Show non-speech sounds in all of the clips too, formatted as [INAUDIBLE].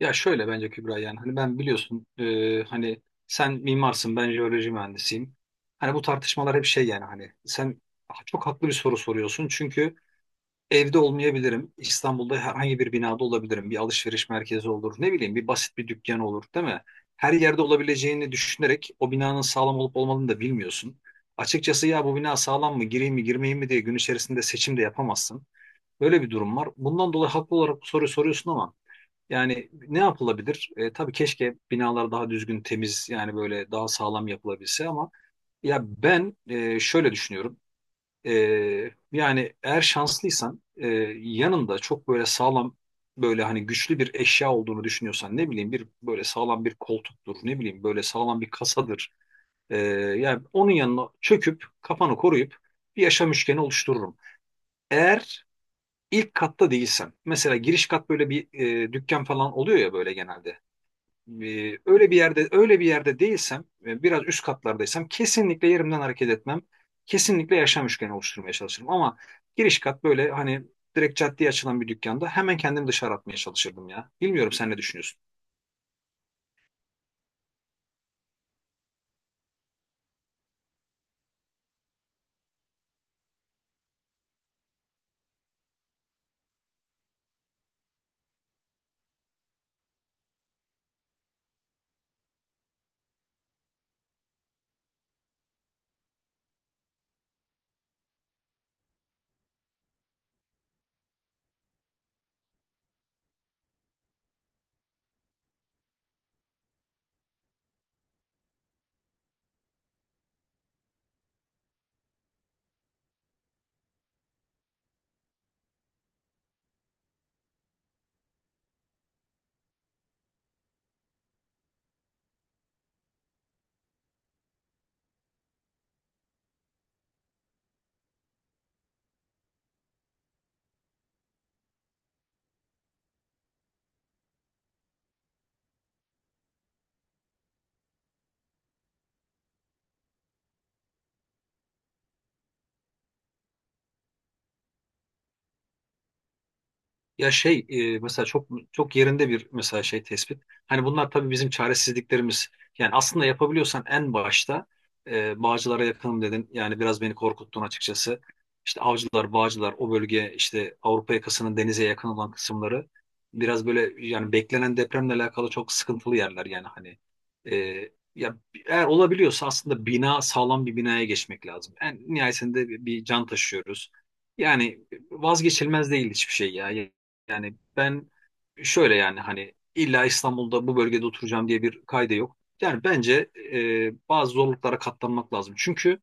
Ya şöyle bence Kübra yani hani ben biliyorsun hani sen mimarsın ben jeoloji mühendisiyim. Hani bu tartışmalar hep şey yani hani sen çok haklı bir soru soruyorsun. Çünkü evde olmayabilirim. İstanbul'da herhangi bir binada olabilirim. Bir alışveriş merkezi olur. Ne bileyim bir basit bir dükkan olur değil mi? Her yerde olabileceğini düşünerek o binanın sağlam olup olmadığını da bilmiyorsun. Açıkçası ya bu bina sağlam mı gireyim mi girmeyeyim mi diye gün içerisinde seçim de yapamazsın. Böyle bir durum var. Bundan dolayı haklı olarak bu soruyu soruyorsun ama yani ne yapılabilir? Tabii keşke binalar daha düzgün, temiz yani böyle daha sağlam yapılabilse ama ya ben şöyle düşünüyorum. E, Yani eğer şanslıysan yanında çok böyle sağlam böyle hani güçlü bir eşya olduğunu düşünüyorsan ne bileyim bir böyle sağlam bir koltuktur ne bileyim böyle sağlam bir kasadır. E, Yani onun yanına çöküp kafanı koruyup bir yaşam üçgeni oluştururum. Eğer ilk katta değilsem mesela giriş kat böyle bir dükkan falan oluyor ya böyle genelde e, öyle bir yerde değilsem biraz üst katlardaysam kesinlikle yerimden hareket etmem. Kesinlikle yaşam üçgeni oluşturmaya çalışırım ama giriş kat böyle hani direkt caddeye açılan bir dükkanda hemen kendimi dışarı atmaya çalışırdım ya. Bilmiyorum sen ne düşünüyorsun? Ya şey mesela çok çok yerinde bir mesela şey tespit. Hani bunlar tabii bizim çaresizliklerimiz. Yani aslında yapabiliyorsan en başta Bağcılar'a yakınım dedin. Yani biraz beni korkuttun açıkçası. İşte Avcılar, Bağcılar o bölge işte Avrupa yakasının denize yakın olan kısımları biraz böyle yani beklenen depremle alakalı çok sıkıntılı yerler yani hani. E, Ya eğer olabiliyorsa aslında bina sağlam bir binaya geçmek lazım. En nihayetinde bir can taşıyoruz. Yani vazgeçilmez değil hiçbir şey ya. Yani ben şöyle yani hani illa İstanbul'da bu bölgede oturacağım diye bir kayda yok. Yani bence bazı zorluklara katlanmak lazım. Çünkü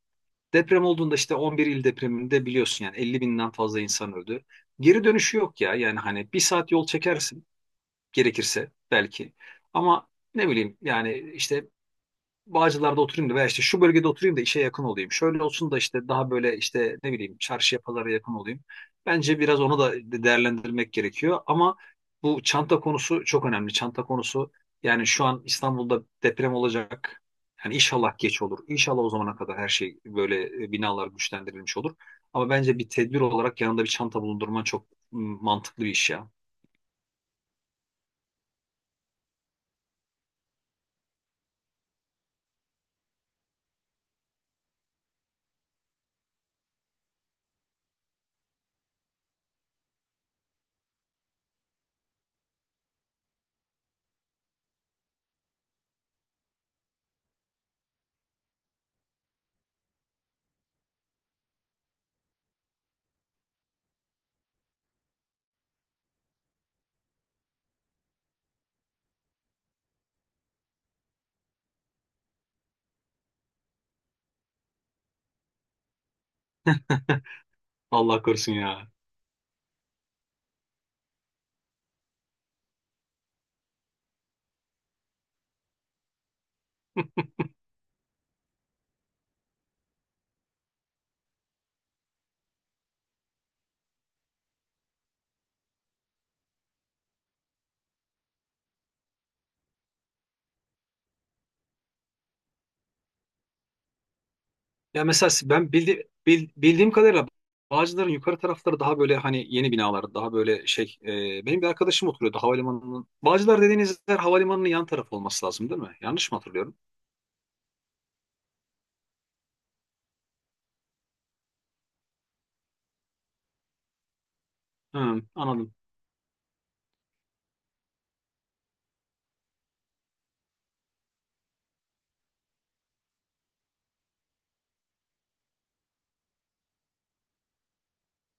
deprem olduğunda işte 11 il depreminde biliyorsun yani 50 binden fazla insan öldü. Geri dönüşü yok ya yani hani bir saat yol çekersin gerekirse belki. Ama ne bileyim yani işte Bağcılar'da oturayım da veya işte şu bölgede oturayım da işe yakın olayım. Şöyle olsun da işte daha böyle işte ne bileyim çarşıya pazara yakın olayım. Bence biraz onu da değerlendirmek gerekiyor ama bu çanta konusu çok önemli. Çanta konusu yani şu an İstanbul'da deprem olacak. Yani inşallah geç olur. İnşallah o zamana kadar her şey böyle binalar güçlendirilmiş olur. Ama bence bir tedbir olarak yanında bir çanta bulundurman çok mantıklı bir iş ya. [LAUGHS] Allah korusun ya. Ya mesela ben bildiğim kadarıyla Bağcılar'ın yukarı tarafları daha böyle hani yeni binalar, daha böyle şey. Benim bir arkadaşım oturuyordu havalimanının. Bağcılar dediğiniz yer havalimanının yan tarafı olması lazım değil mi? Yanlış mı hatırlıyorum? Hı, anladım.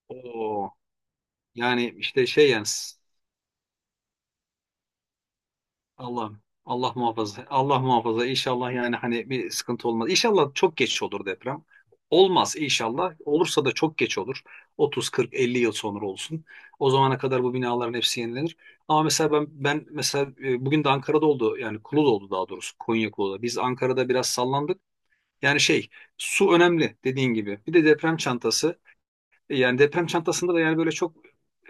Oo, yani işte şey yani Allah Allah muhafaza. Allah muhafaza. İnşallah yani hani bir sıkıntı olmaz. İnşallah çok geç olur deprem. Olmaz inşallah. Olursa da çok geç olur. 30, 40, 50 yıl sonra olsun. O zamana kadar bu binaların hepsi yenilenir. Ama mesela ben mesela bugün de Ankara'da oldu. Yani Kula'da oldu daha doğrusu. Konya Kula'da. Biz Ankara'da biraz sallandık. Yani şey su önemli dediğin gibi. Bir de deprem çantası. Yani deprem çantasında da yani böyle çok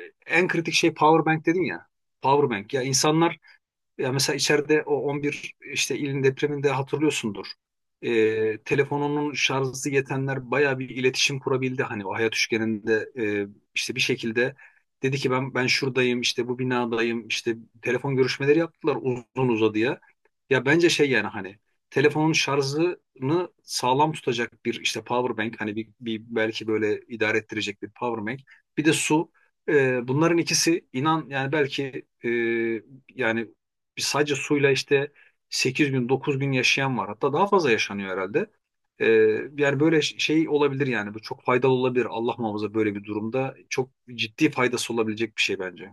e, en kritik şey power bank dedin ya. Power bank. Ya insanlar ya mesela içeride o 11 işte ilin depreminde hatırlıyorsundur. Telefonunun şarjı yetenler bayağı bir iletişim kurabildi. Hani o hayat üçgeninde işte bir şekilde dedi ki ben şuradayım işte bu binadayım işte telefon görüşmeleri yaptılar uzun uzadıya. Ya bence şey yani hani telefonun şarjını sağlam tutacak bir işte power bank hani bir belki böyle idare ettirecek bir power bank bir de su. Bunların ikisi inan yani belki yani biz sadece suyla işte 8 gün 9 gün yaşayan var. Hatta daha fazla yaşanıyor herhalde. Ee, Yani böyle şey olabilir yani bu çok faydalı olabilir. Allah muhafaza böyle bir durumda çok ciddi faydası olabilecek bir şey bence.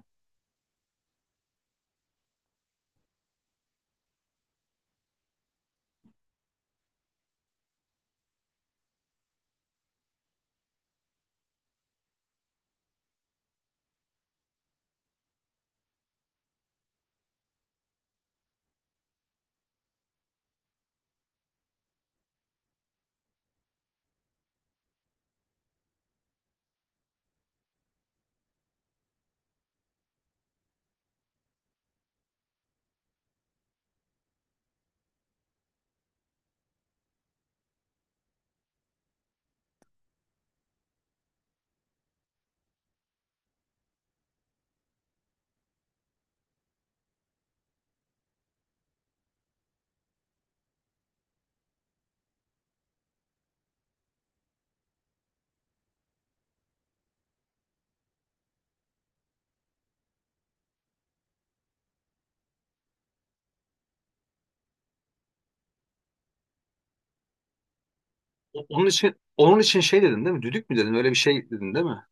Onun için şey dedin değil mi? Düdük mü dedin? Öyle bir şey dedin değil mi?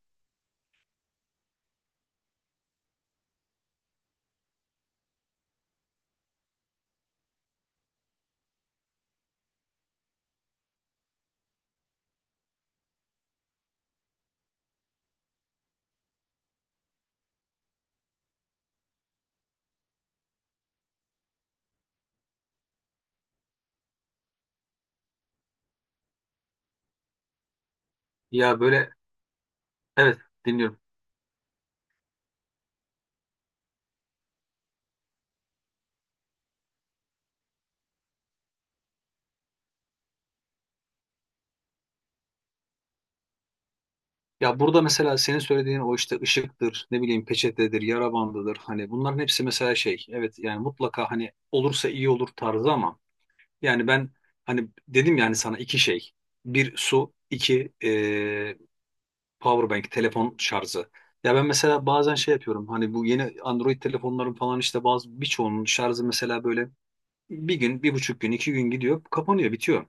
Ya böyle, evet, dinliyorum. Ya burada mesela senin söylediğin o işte ışıktır, ne bileyim peçetedir, yara bandıdır. Hani bunların hepsi mesela şey, evet yani mutlaka hani olursa iyi olur tarzı ama yani ben hani dedim yani sana iki şey. Bir su, iki powerbank, telefon şarjı. Ya ben mesela bazen şey yapıyorum. Hani bu yeni Android telefonların falan işte bazı birçoğunun şarjı mesela böyle bir gün, 1,5 gün, 2 gün gidiyor, kapanıyor, bitiyor.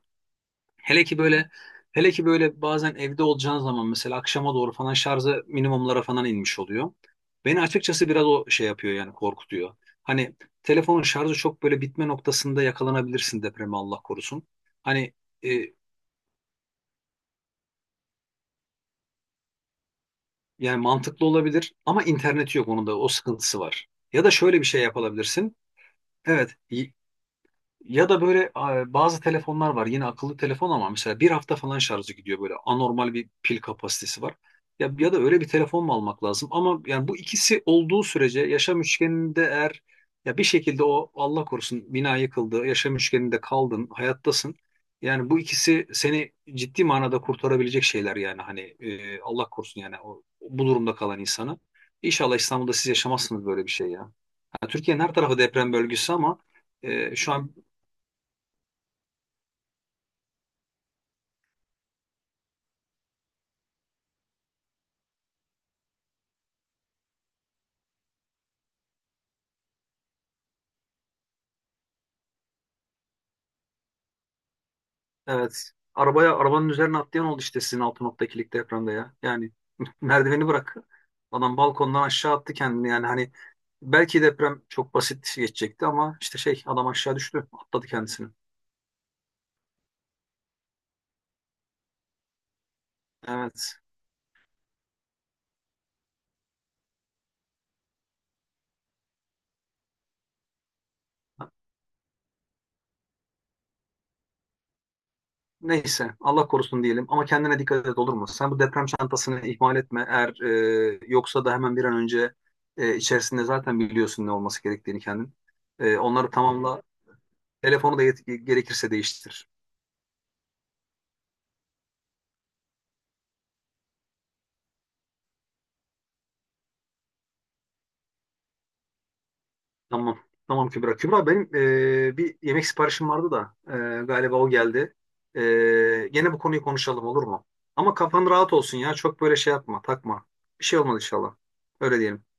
Hele ki böyle Hele ki böyle bazen evde olacağın zaman mesela akşama doğru falan şarjı minimumlara falan inmiş oluyor. Beni açıkçası biraz o şey yapıyor yani korkutuyor. Hani telefonun şarjı çok böyle bitme noktasında yakalanabilirsin depreme Allah korusun. Hani e, yani mantıklı olabilir ama interneti yok onun da o sıkıntısı var. Ya da şöyle bir şey yapabilirsin. Evet. Ya da böyle bazı telefonlar var. Yine akıllı telefon ama mesela bir hafta falan şarjı gidiyor böyle. Anormal bir pil kapasitesi var. Ya, ya da öyle bir telefon mu almak lazım? Ama yani bu ikisi olduğu sürece yaşam üçgeninde eğer ya bir şekilde o Allah korusun bina yıkıldı, yaşam üçgeninde kaldın, hayattasın. Yani bu ikisi seni ciddi manada kurtarabilecek şeyler yani hani Allah korusun yani o, bu durumda kalan insanı. İnşallah İstanbul'da siz yaşamazsınız böyle bir şey ya. Ha, Türkiye'nin her tarafı deprem bölgesi ama şu an. Evet. Arabaya, arabanın üzerine atlayan oldu işte sizin altı noktakilik depremde ya. Yani [LAUGHS] merdiveni bırak. Adam balkondan aşağı attı kendini yani hani belki deprem çok basit geçecekti ama işte şey adam aşağı düştü, atladı kendisini. Evet. Neyse Allah korusun diyelim ama kendine dikkat et olur mu? Sen bu deprem çantasını ihmal etme. Eğer yoksa da hemen bir an önce içerisinde zaten biliyorsun ne olması gerektiğini kendin. Onları tamamla. Telefonu da gerekirse değiştir. Tamam. Tamam Kübra. Kübra benim bir yemek siparişim vardı da galiba o geldi. Gene bu konuyu konuşalım olur mu? Ama kafan rahat olsun ya. Çok böyle şey yapma, takma. Bir şey olmadı inşallah. Öyle diyelim.